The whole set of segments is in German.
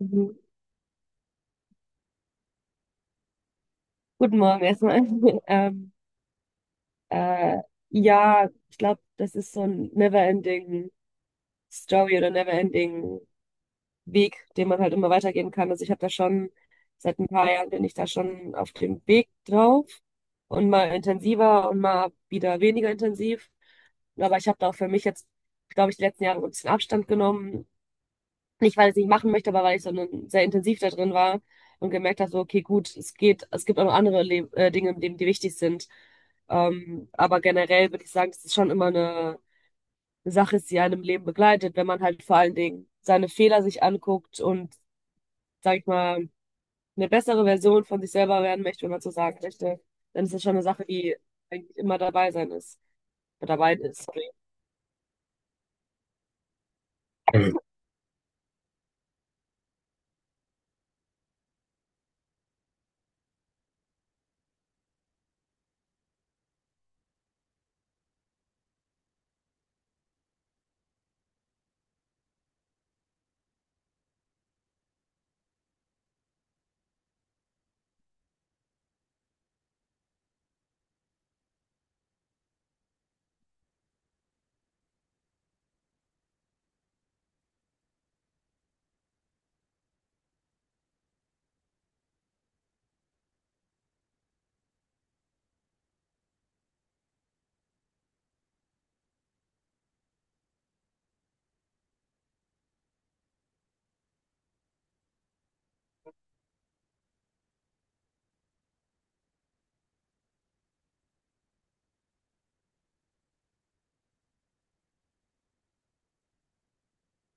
Mhm. Guten Morgen erstmal. Ähm, äh, ja, ich glaube, das ist so ein Never-Ending Story oder Never-Ending Weg, den man halt immer weitergehen kann. Also ich habe da schon, seit ein paar Jahren bin ich da schon auf dem Weg drauf, und mal intensiver und mal wieder weniger intensiv. Aber ich habe da auch für mich jetzt, glaube ich, die letzten Jahre so ein bisschen Abstand genommen. Nicht, weil ich es nicht machen möchte, aber weil ich sehr intensiv da drin war und gemerkt habe, so, okay, gut, es geht, es gibt auch noch andere Le Dinge im Leben, die wichtig sind. Aber generell würde ich sagen, das ist schon immer eine Sache ist, die einem Leben begleitet, wenn man halt vor allen Dingen seine Fehler sich anguckt und, sag ich mal, eine bessere Version von sich selber werden möchte, wenn man so sagen möchte, dann ist das schon eine Sache, die eigentlich immer dabei sein ist. Dabei ist, sorry.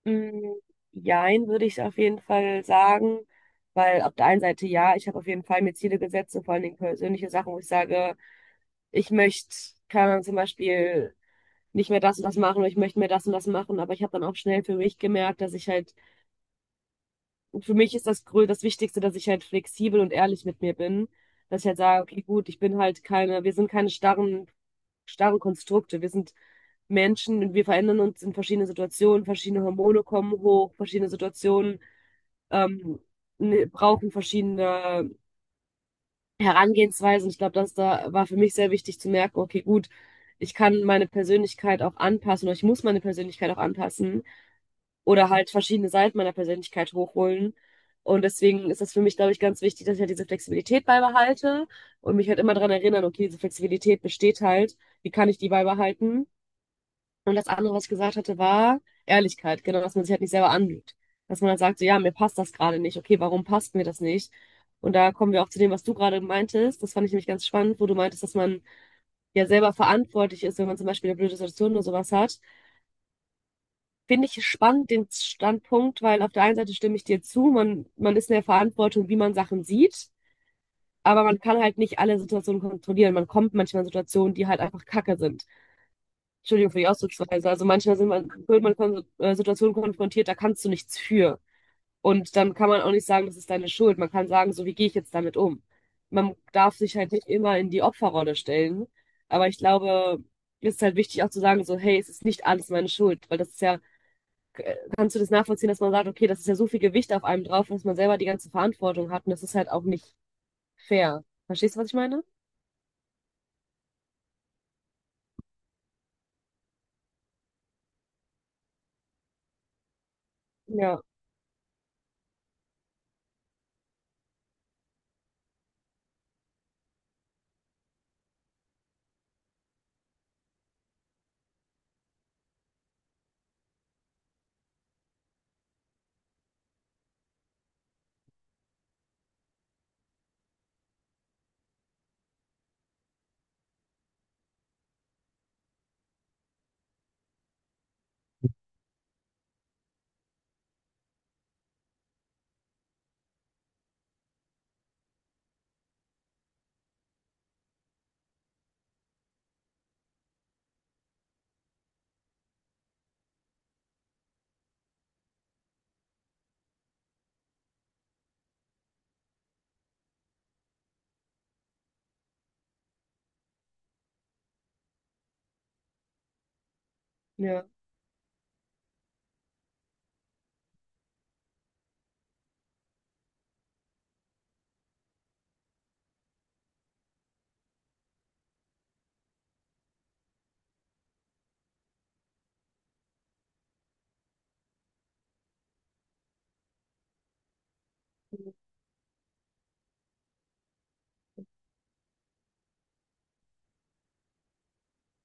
Mm, Jein, würde ich auf jeden Fall sagen, weil auf der einen Seite ja, ich habe auf jeden Fall mir Ziele gesetzt, und vor allen Dingen persönliche Sachen, wo ich sage, ich möchte, keine Ahnung, zum Beispiel nicht mehr das und das machen oder ich möchte mehr das und das machen, aber ich habe dann auch schnell für mich gemerkt, dass ich halt, für mich ist das grö das Wichtigste, dass ich halt flexibel und ehrlich mit mir bin. Dass ich halt sage, okay, gut, ich bin halt keine, wir sind keine starren, starren Konstrukte. Wir sind Menschen und wir verändern uns in verschiedenen Situationen. Verschiedene Hormone kommen hoch, verschiedene Situationen ähm, brauchen verschiedene Herangehensweisen. Ich glaube, das da war für mich sehr wichtig zu merken, okay, gut, ich kann meine Persönlichkeit auch anpassen oder ich muss meine Persönlichkeit auch anpassen oder halt verschiedene Seiten meiner Persönlichkeit hochholen. Und deswegen ist das für mich, glaube ich, ganz wichtig, dass ich halt diese Flexibilität beibehalte und mich halt immer daran erinnern, okay, diese Flexibilität besteht halt, wie kann ich die beibehalten? Und das andere, was ich gesagt hatte, war Ehrlichkeit, genau, dass man sich halt nicht selber anlügt. Dass man halt sagt, so, ja, mir passt das gerade nicht, okay, warum passt mir das nicht? Und da kommen wir auch zu dem, was du gerade meintest. Das fand ich nämlich ganz spannend, wo du meintest, dass man ja selber verantwortlich ist, wenn man zum Beispiel eine blöde Situation oder sowas hat. Finde ich spannend, den Standpunkt, weil auf der einen Seite stimme ich dir zu, man ist in der Verantwortung, wie man Sachen sieht, aber man kann halt nicht alle Situationen kontrollieren. Man kommt manchmal in Situationen, die halt einfach kacke sind. Entschuldigung für die Ausdrucksweise. Also manchmal sind wird man kon Situationen konfrontiert, da kannst du nichts für. Und dann kann man auch nicht sagen, das ist deine Schuld. Man kann sagen, so, wie gehe ich jetzt damit um? Man darf sich halt nicht immer in die Opferrolle stellen. Aber ich glaube, es ist halt wichtig auch zu sagen, so, hey, es ist nicht alles meine Schuld, weil das ist ja, kannst du das nachvollziehen, dass man sagt, okay, das ist ja so viel Gewicht auf einem drauf, dass man selber die ganze Verantwortung hat, und das ist halt auch nicht fair. Verstehst du, was ich meine? Ja, ja,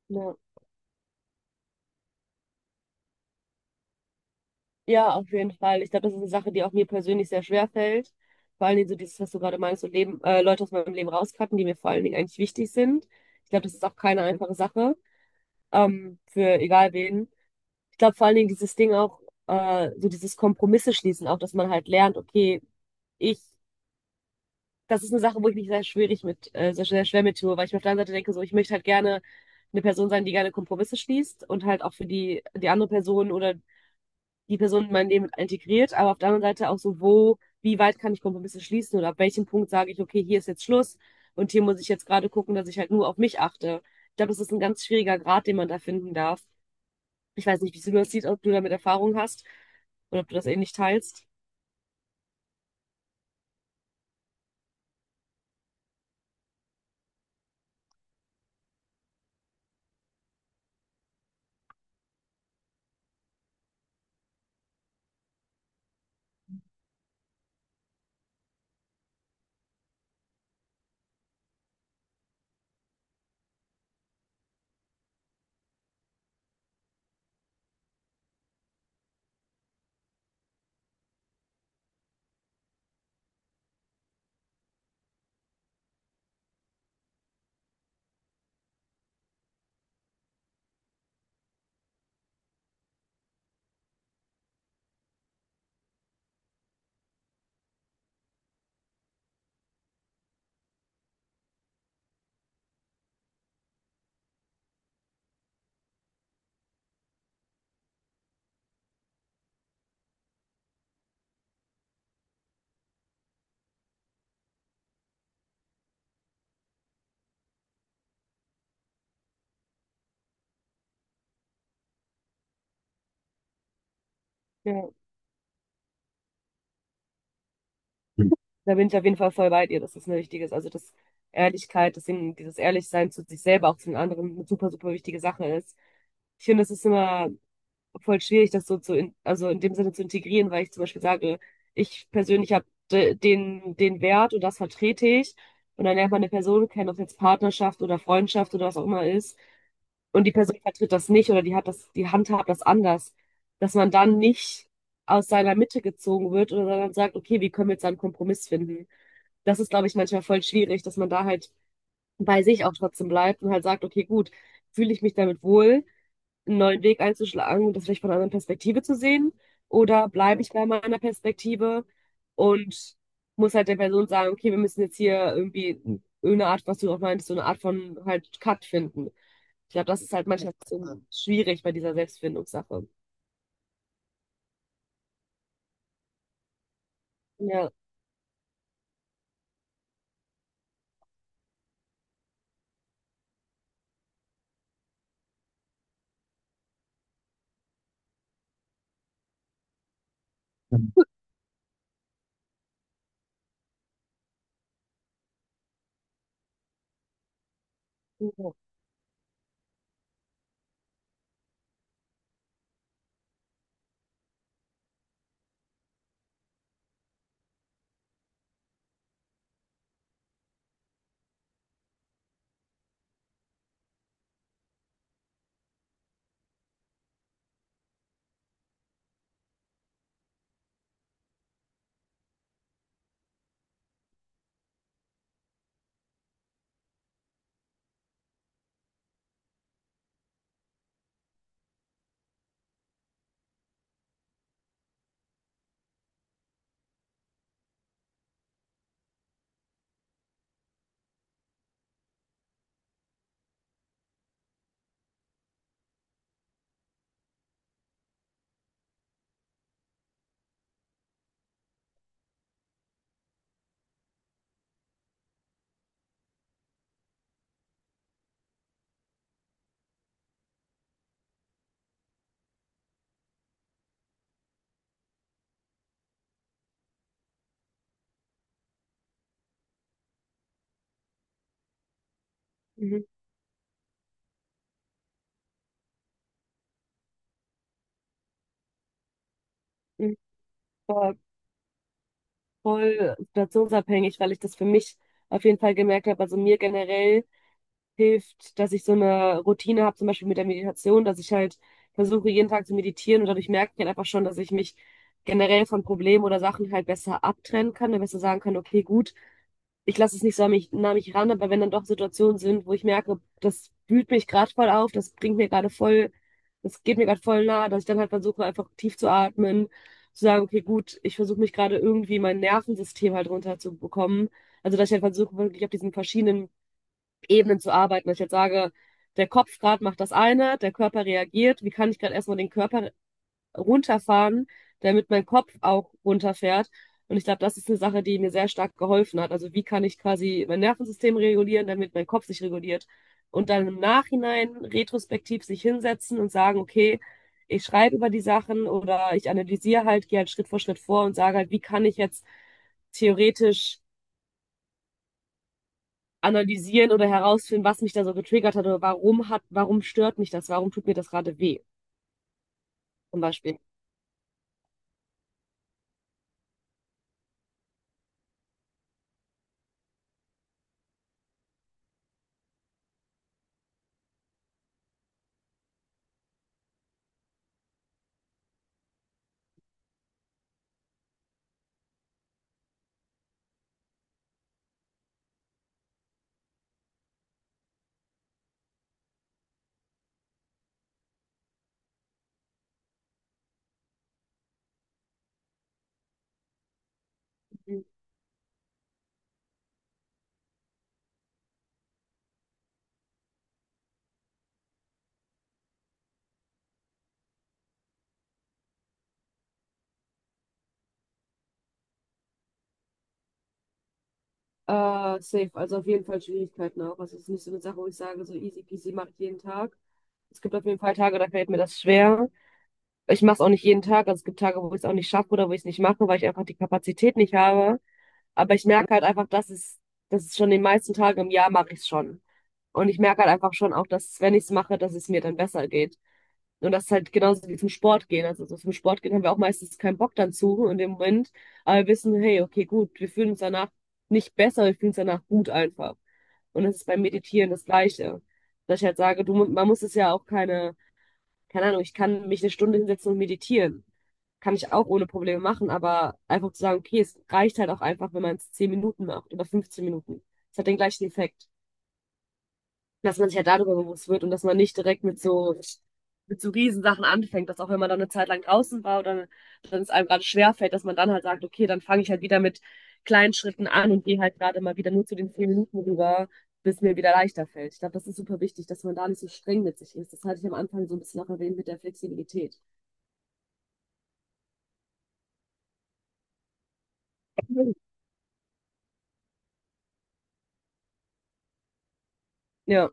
ja. Ja, auf jeden Fall. Ich glaube, das ist eine Sache, die auch mir persönlich sehr schwer fällt. Vor allen Dingen so dieses, was du gerade meinst, so Leute aus meinem Leben rauscutten, die mir vor allen Dingen eigentlich wichtig sind. Ich glaube, das ist auch keine einfache Sache, für egal wen. Ich glaube vor allen Dingen dieses Ding auch, so dieses Kompromisse schließen, auch dass man halt lernt, okay, ich das ist eine Sache, wo ich mich sehr, sehr schwer mit tue, weil ich mir auf der einen Seite denke, so, ich möchte halt gerne eine Person sein, die gerne Kompromisse schließt und halt auch für die andere Person oder die Person in mein Leben integriert, aber auf der anderen Seite auch so, wo, wie weit kann ich Kompromisse schließen oder ab welchem Punkt sage ich, okay, hier ist jetzt Schluss und hier muss ich jetzt gerade gucken, dass ich halt nur auf mich achte. Ich glaube, das ist ein ganz schwieriger Grad, den man da finden darf. Ich weiß nicht, wie du das siehst, ob du damit Erfahrung hast oder ob du das ähnlich teilst. Ja. Da bin ich auf jeden Fall voll bei dir, dass das eine wichtige ist. Also, dass Ehrlichkeit, deswegen dieses Ehrlichsein zu sich selber, auch zu den anderen, eine super, super wichtige Sache ist. Ich finde, das ist immer voll schwierig, das so also in dem Sinne zu integrieren, weil ich zum Beispiel sage, ich persönlich habe den Wert und das vertrete ich. Und dann lernt man eine Person kennen, ob es jetzt Partnerschaft oder Freundschaft oder was auch immer ist. Und die Person vertritt das nicht oder die hat das, die handhabt das anders. Dass man dann nicht aus seiner Mitte gezogen wird, oder sondern sagt, okay, wie können wir jetzt einen Kompromiss finden? Das ist, glaube ich, manchmal voll schwierig, dass man da halt bei sich auch trotzdem bleibt und halt sagt, okay, gut, fühle ich mich damit wohl? Einen neuen Weg einzuschlagen und das vielleicht von einer anderen Perspektive zu sehen? Oder bleibe ich bei meiner Perspektive und muss halt der Person sagen, okay, wir müssen jetzt hier irgendwie irgendeine Art, was du auch meinst, so eine Art von halt Cut finden. Ich glaube, das ist halt manchmal ein bisschen schwierig bei dieser Selbstfindungssache. Ja, ja. Mhm. Mhm. Voll, voll situationsabhängig, weil ich das für mich auf jeden Fall gemerkt habe. Also, mir generell hilft, dass ich so eine Routine habe, zum Beispiel mit der Meditation, dass ich halt versuche, jeden Tag zu meditieren, und dadurch merke ich halt einfach schon, dass ich mich generell von Problemen oder Sachen halt besser abtrennen kann, dann besser sagen kann, okay, gut, ich lasse es nicht so an mich, nah an mich ran, aber wenn dann doch Situationen sind, wo ich merke, das wühlt mich gerade voll auf, das bringt mir gerade voll, das geht mir gerade voll nah, dass ich dann halt versuche, einfach tief zu atmen, zu sagen, okay, gut, ich versuche mich gerade irgendwie mein Nervensystem halt runterzubekommen. Also, dass ich halt versuche, wirklich auf diesen verschiedenen Ebenen zu arbeiten. Wenn ich jetzt sage, der Kopf gerade macht das eine, der Körper reagiert, wie kann ich gerade erstmal den Körper runterfahren, damit mein Kopf auch runterfährt. Und ich glaube, das ist eine Sache, die mir sehr stark geholfen hat. Also, wie kann ich quasi mein Nervensystem regulieren, damit mein Kopf sich reguliert. Und dann im Nachhinein retrospektiv sich hinsetzen und sagen, okay, ich schreibe über die Sachen oder ich analysiere halt, gehe halt Schritt für Schritt vor und sage halt, wie kann ich jetzt theoretisch analysieren oder herausfinden, was mich da so getriggert hat oder warum hat, warum stört mich das, warum tut mir das gerade weh, zum Beispiel. Mhm. Safe, also auf jeden Fall Schwierigkeiten auch. Also es ist nicht so eine Sache, wo ich sage, so easy peasy mache ich jeden Tag. Es gibt auf jeden Fall Tage, da fällt mir das schwer. Ich mache es auch nicht jeden Tag. Also es gibt Tage, wo ich es auch nicht schaffe oder wo ich es nicht mache, weil ich einfach die Kapazität nicht habe. Aber ich merke halt einfach, dass es schon, den meisten Tagen im Jahr mache ich es schon. Und ich merke halt einfach schon auch, dass wenn ich es mache, dass es mir dann besser geht. Und das ist halt genauso wie zum Sport gehen. Also so zum Sport gehen haben wir auch meistens keinen Bock dann zu, in dem Moment. Aber wir wissen, hey, okay, gut, wir fühlen uns danach nicht besser, wir fühlen uns danach gut einfach. Und das ist beim Meditieren das Gleiche. Dass ich halt sage, man muss es ja auch keine Ahnung, ich kann mich eine Stunde hinsetzen und meditieren. Kann ich auch ohne Probleme machen, aber einfach zu sagen, okay, es reicht halt auch einfach, wenn man es 10 Minuten macht oder 15 Minuten. Es hat den gleichen Effekt. Dass man sich ja darüber bewusst wird und dass man nicht direkt mit so Riesensachen anfängt, dass auch wenn man dann eine Zeit lang draußen war oder dann es einem gerade schwerfällt, dass man dann halt sagt, okay, dann fange ich halt wieder mit kleinen Schritten an und gehe halt gerade mal wieder nur zu den 10 Minuten rüber, bis mir wieder leichter fällt. Ich glaube, das ist super wichtig, dass man da nicht so streng mit sich ist. Das hatte ich am Anfang so ein bisschen auch erwähnt mit der Flexibilität. Ja,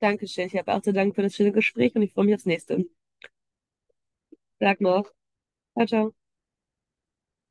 danke schön. Ich habe auch zu danken für das schöne Gespräch und ich freue mich aufs nächste. Sag noch. Ciao, ciao.